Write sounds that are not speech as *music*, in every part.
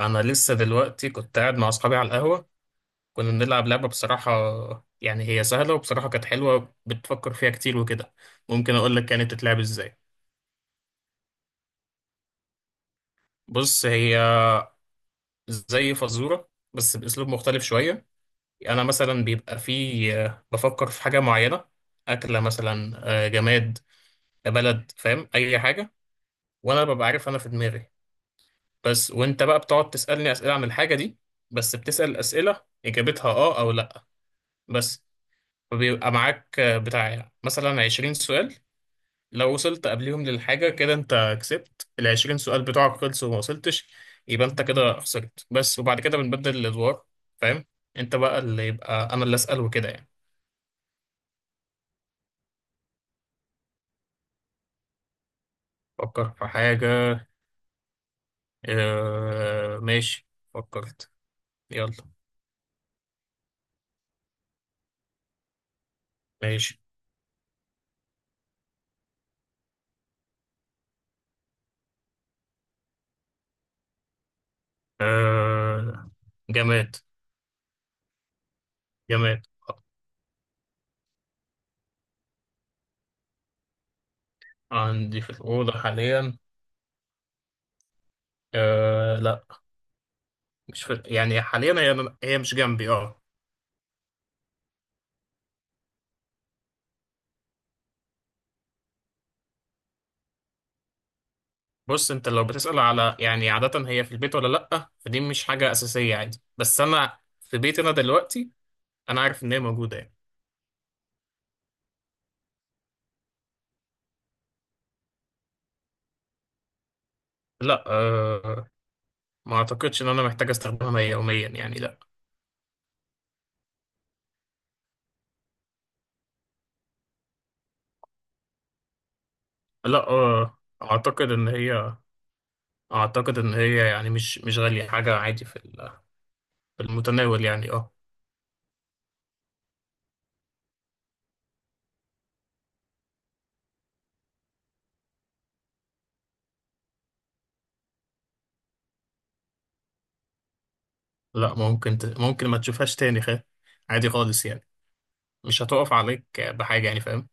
انا لسه دلوقتي كنت قاعد مع اصحابي على القهوه. كنا بنلعب لعبه، بصراحه يعني هي سهله، وبصراحه كانت حلوه. بتفكر فيها كتير وكده. ممكن اقول لك كانت بتتلعب ازاي؟ بص، هي زي فزوره بس باسلوب مختلف شويه. انا مثلا بيبقى في بفكر في حاجه معينه. اكله مثلا، جماد، بلد، فاهم اي حاجه. وانا ببقى عارف انا في دماغي، بس وانت بقى بتقعد تسالني اسئله عن الحاجه دي. بس بتسال اسئله اجابتها اه او لا. بس بيبقى معاك بتاع مثلا 20 سؤال. لو وصلت قبليهم للحاجة كده انت كسبت. ال 20 سؤال بتوعك خلصوا وما وصلتش، يبقى انت كده خسرت. بس وبعد كده بنبدل الأدوار، فاهم. انت بقى اللي، يبقى انا اللي أسأل وكده يعني. فكر في حاجة. اه ماشي، فكرت، يلا. ماشي. اه. جماد. جماد. عندي في الأوضة حاليا. اه لا، مش في يعني حاليا، هي مش جنبي، اه. بص، انت لو بتسأل على يعني عادة هي في البيت ولا لأ، فدي مش حاجة أساسية، عادي. بس أنا في بيتي أنا دلوقتي، أنا عارف إن هي موجودة يعني. لأ أه، ما أعتقدش إن أنا محتاج أستخدمها يوميا يعني، لأ. لأ أه، أعتقد إن هي يعني مش غالية، حاجة عادي. في المتناول يعني، أه. لأ ممكن ما تشوفهاش تاني، عادي خالص يعني. مش هتقف عليك بحاجة يعني، فاهم.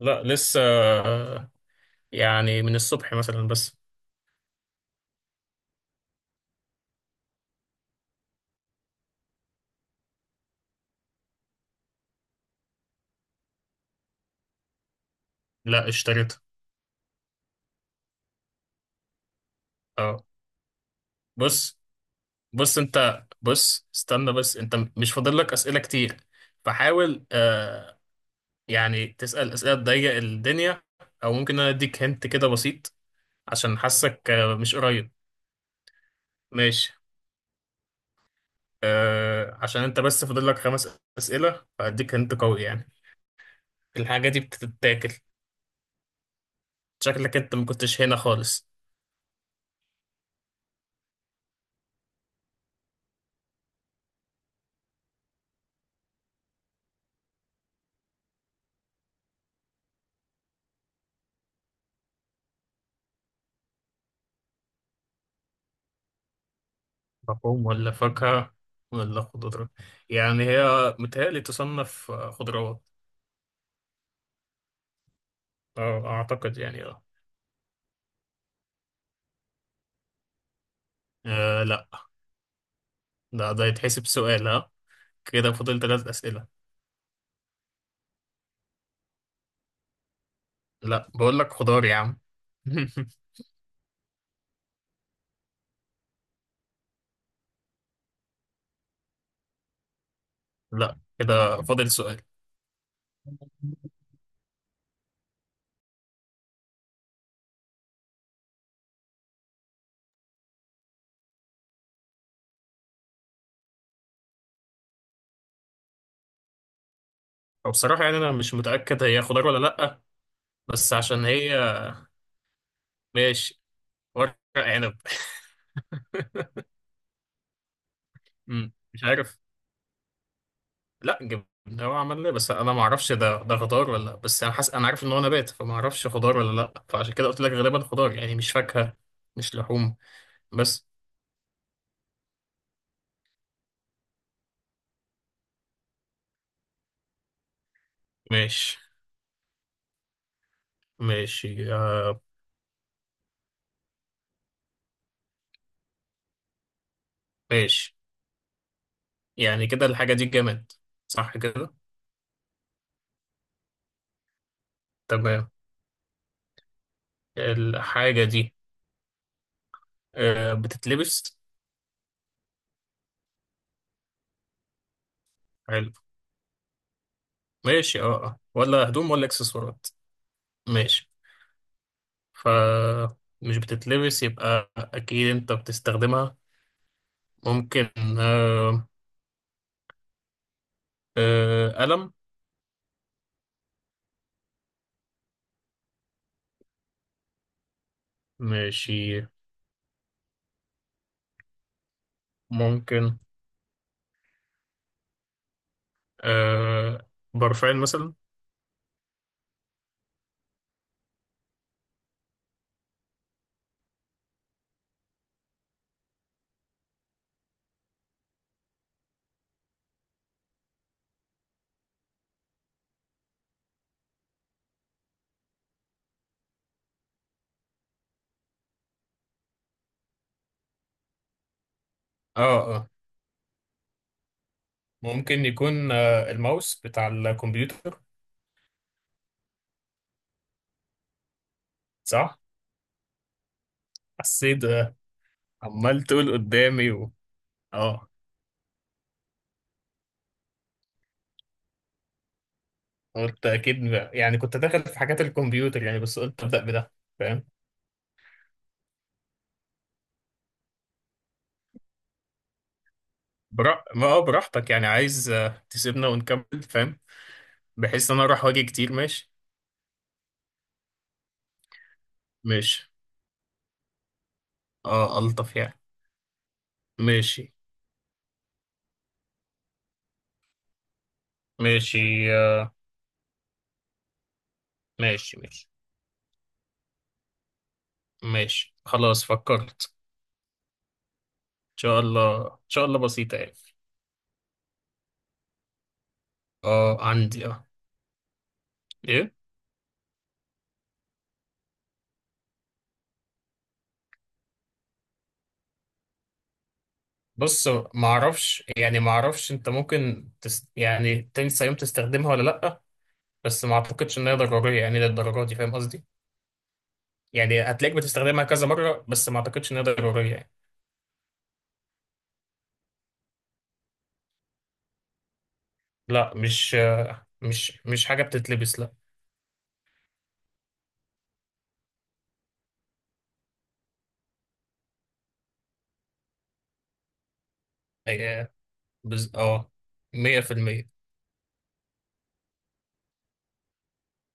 لأ لسه، يعني من الصبح مثلا بس. لأ، اشتريتها، اه. بص بص انت، بص استنى بس، انت مش فاضل لك اسئله كتير. فحاول، يعني تسال اسئله تضيق الدنيا. او ممكن انا اديك هنت كده بسيط، عشان حاسك مش قريب. ماشي. عشان انت بس فاضل لك خمس اسئله، فهديك هنت قوي يعني. الحاجه دي بتتاكل. شكلك انت ما كنتش هنا خالص. لحوم ولا فاكهه ولا خضره؟ يعني هي، متهيألي تصنف خضروات. اه، اعتقد يعني، لا. لا، ده يتحسب سؤال ها. كده فاضل ثلاث أسئلة. لا بقول لك خضار يا عم. *laughs* لا، كده فاضل سؤال. أو بصراحة يعني أنا مش متأكد هي خضار ولا لأ، بس عشان هي. ماشي. ورق عنب. *laughs* مش عارف. لا، جبنة. هو عمل ليه، بس أنا ما أعرفش ده خضار ولا لأ. بس أنا حاسس، أنا عارف إن هو نبات، فما أعرفش خضار ولا لأ، فعشان كده قلت لك غالبا خضار، يعني مش فاكهة، مش لحوم، بس. ماشي ماشي، ماشي. يعني كده الحاجة دي جماد، صح كده. تمام. الحاجة دي بتتلبس. حلو ماشي، اه اه، ولا هدوم ولا اكسسوارات. ماشي. ف مش بتتلبس يبقى اكيد انت بتستخدمها. ممكن. آه، قلم. ماشي. ممكن آه، برفان مثلا. اه اه، ممكن يكون الماوس بتاع الكمبيوتر. صح. حسيت عمال تقول قدامي اه، قلت اكيد بقى. يعني كنت داخل في حاجات الكمبيوتر يعني، بس قلت ابدا بده، فاهم. ما هو براحتك، يعني عايز تسيبنا ونكمل، فاهم. بحيث ان انا اروح واجي كتير، ماشي. ماشي، اه الطف يعني. ماشي. ماشي آه، ماشي. ماشي. ماشي خلاص فكرت. ان شاء الله، ان شاء الله بسيطه يعني. اه عندي، ايه. بص، ما اعرفش يعني ما اعرفش، انت يعني تنسى يوم تستخدمها ولا لا. بس ما اعتقدش ان هي ضروريه يعني للدرجه دي، فاهم قصدي. يعني هتلاقيك بتستخدمها كذا مرة، بس ما اعتقدش انها ضرورية يعني. لا مش آه، مش حاجة بتتلبس، لا. هي اه 100%.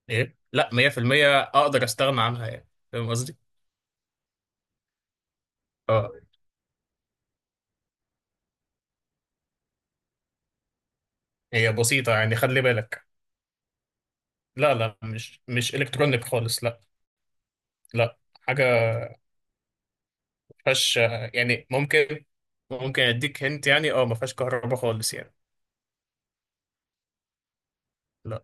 ايه لا، 100% اقدر استغنى عنها يعني، فاهم قصدي؟ اه. هي بسيطة يعني، خلي بالك. لا لا، مش الكترونيك خالص، لا. لا حاجة. ما فيهاش يعني ممكن، اديك هنت يعني. اه ما فيهاش كهرباء خالص يعني. لا.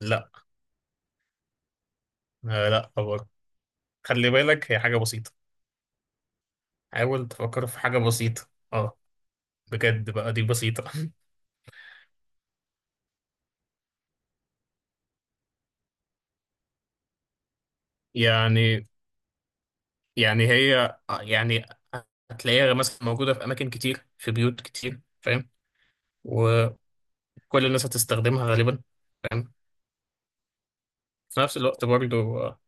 لا لا طبعا. خلي بالك، هي حاجة بسيطة. حاول تفكر في حاجة بسيطة. اه بجد بقى دي بسيطة. *laughs* يعني يعني هي يعني هتلاقيها مثلا موجودة في أماكن كتير، في بيوت كتير، فاهم. وكل الناس هتستخدمها غالبا، فاهم. في نفس الوقت برضو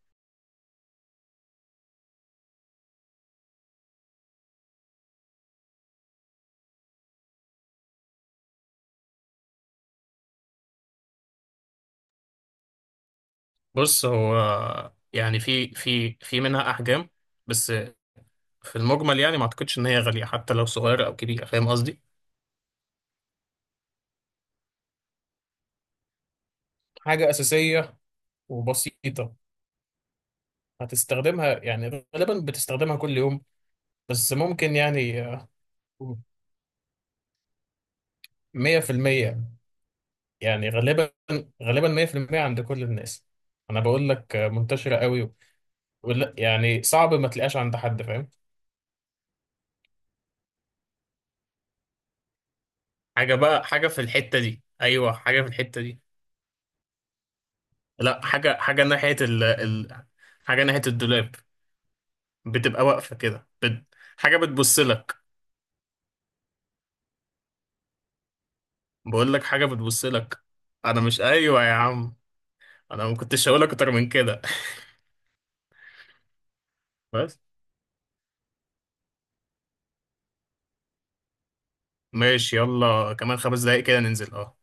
بص هو يعني في منها أحجام. بس في المجمل يعني ما أعتقدش إن هي غالية حتى لو صغيرة أو كبيرة، فاهم قصدي. حاجة أساسية وبسيطة. هتستخدمها يعني غالبا، بتستخدمها كل يوم، بس ممكن يعني. مية في المية. يعني غالبا. غالبا. 100% عند كل الناس. انا بقول لك منتشره قوي، ولا يعني صعب ما تلاقيهاش عند حد، فاهم. حاجة بقى، حاجة في الحتة دي. أيوة، حاجة في الحتة دي. لا، حاجة ناحية ال ال حاجة ناحية الدولاب. بتبقى واقفة كده، حاجة بتبص لك. بقول لك حاجة بتبص لك. أنا مش أيوة يا عم. أنا ما كنتش هقول لك أكتر من كده. *laughs* بس. ماشي، يلا كمان خمس دقايق كده ننزل، أه.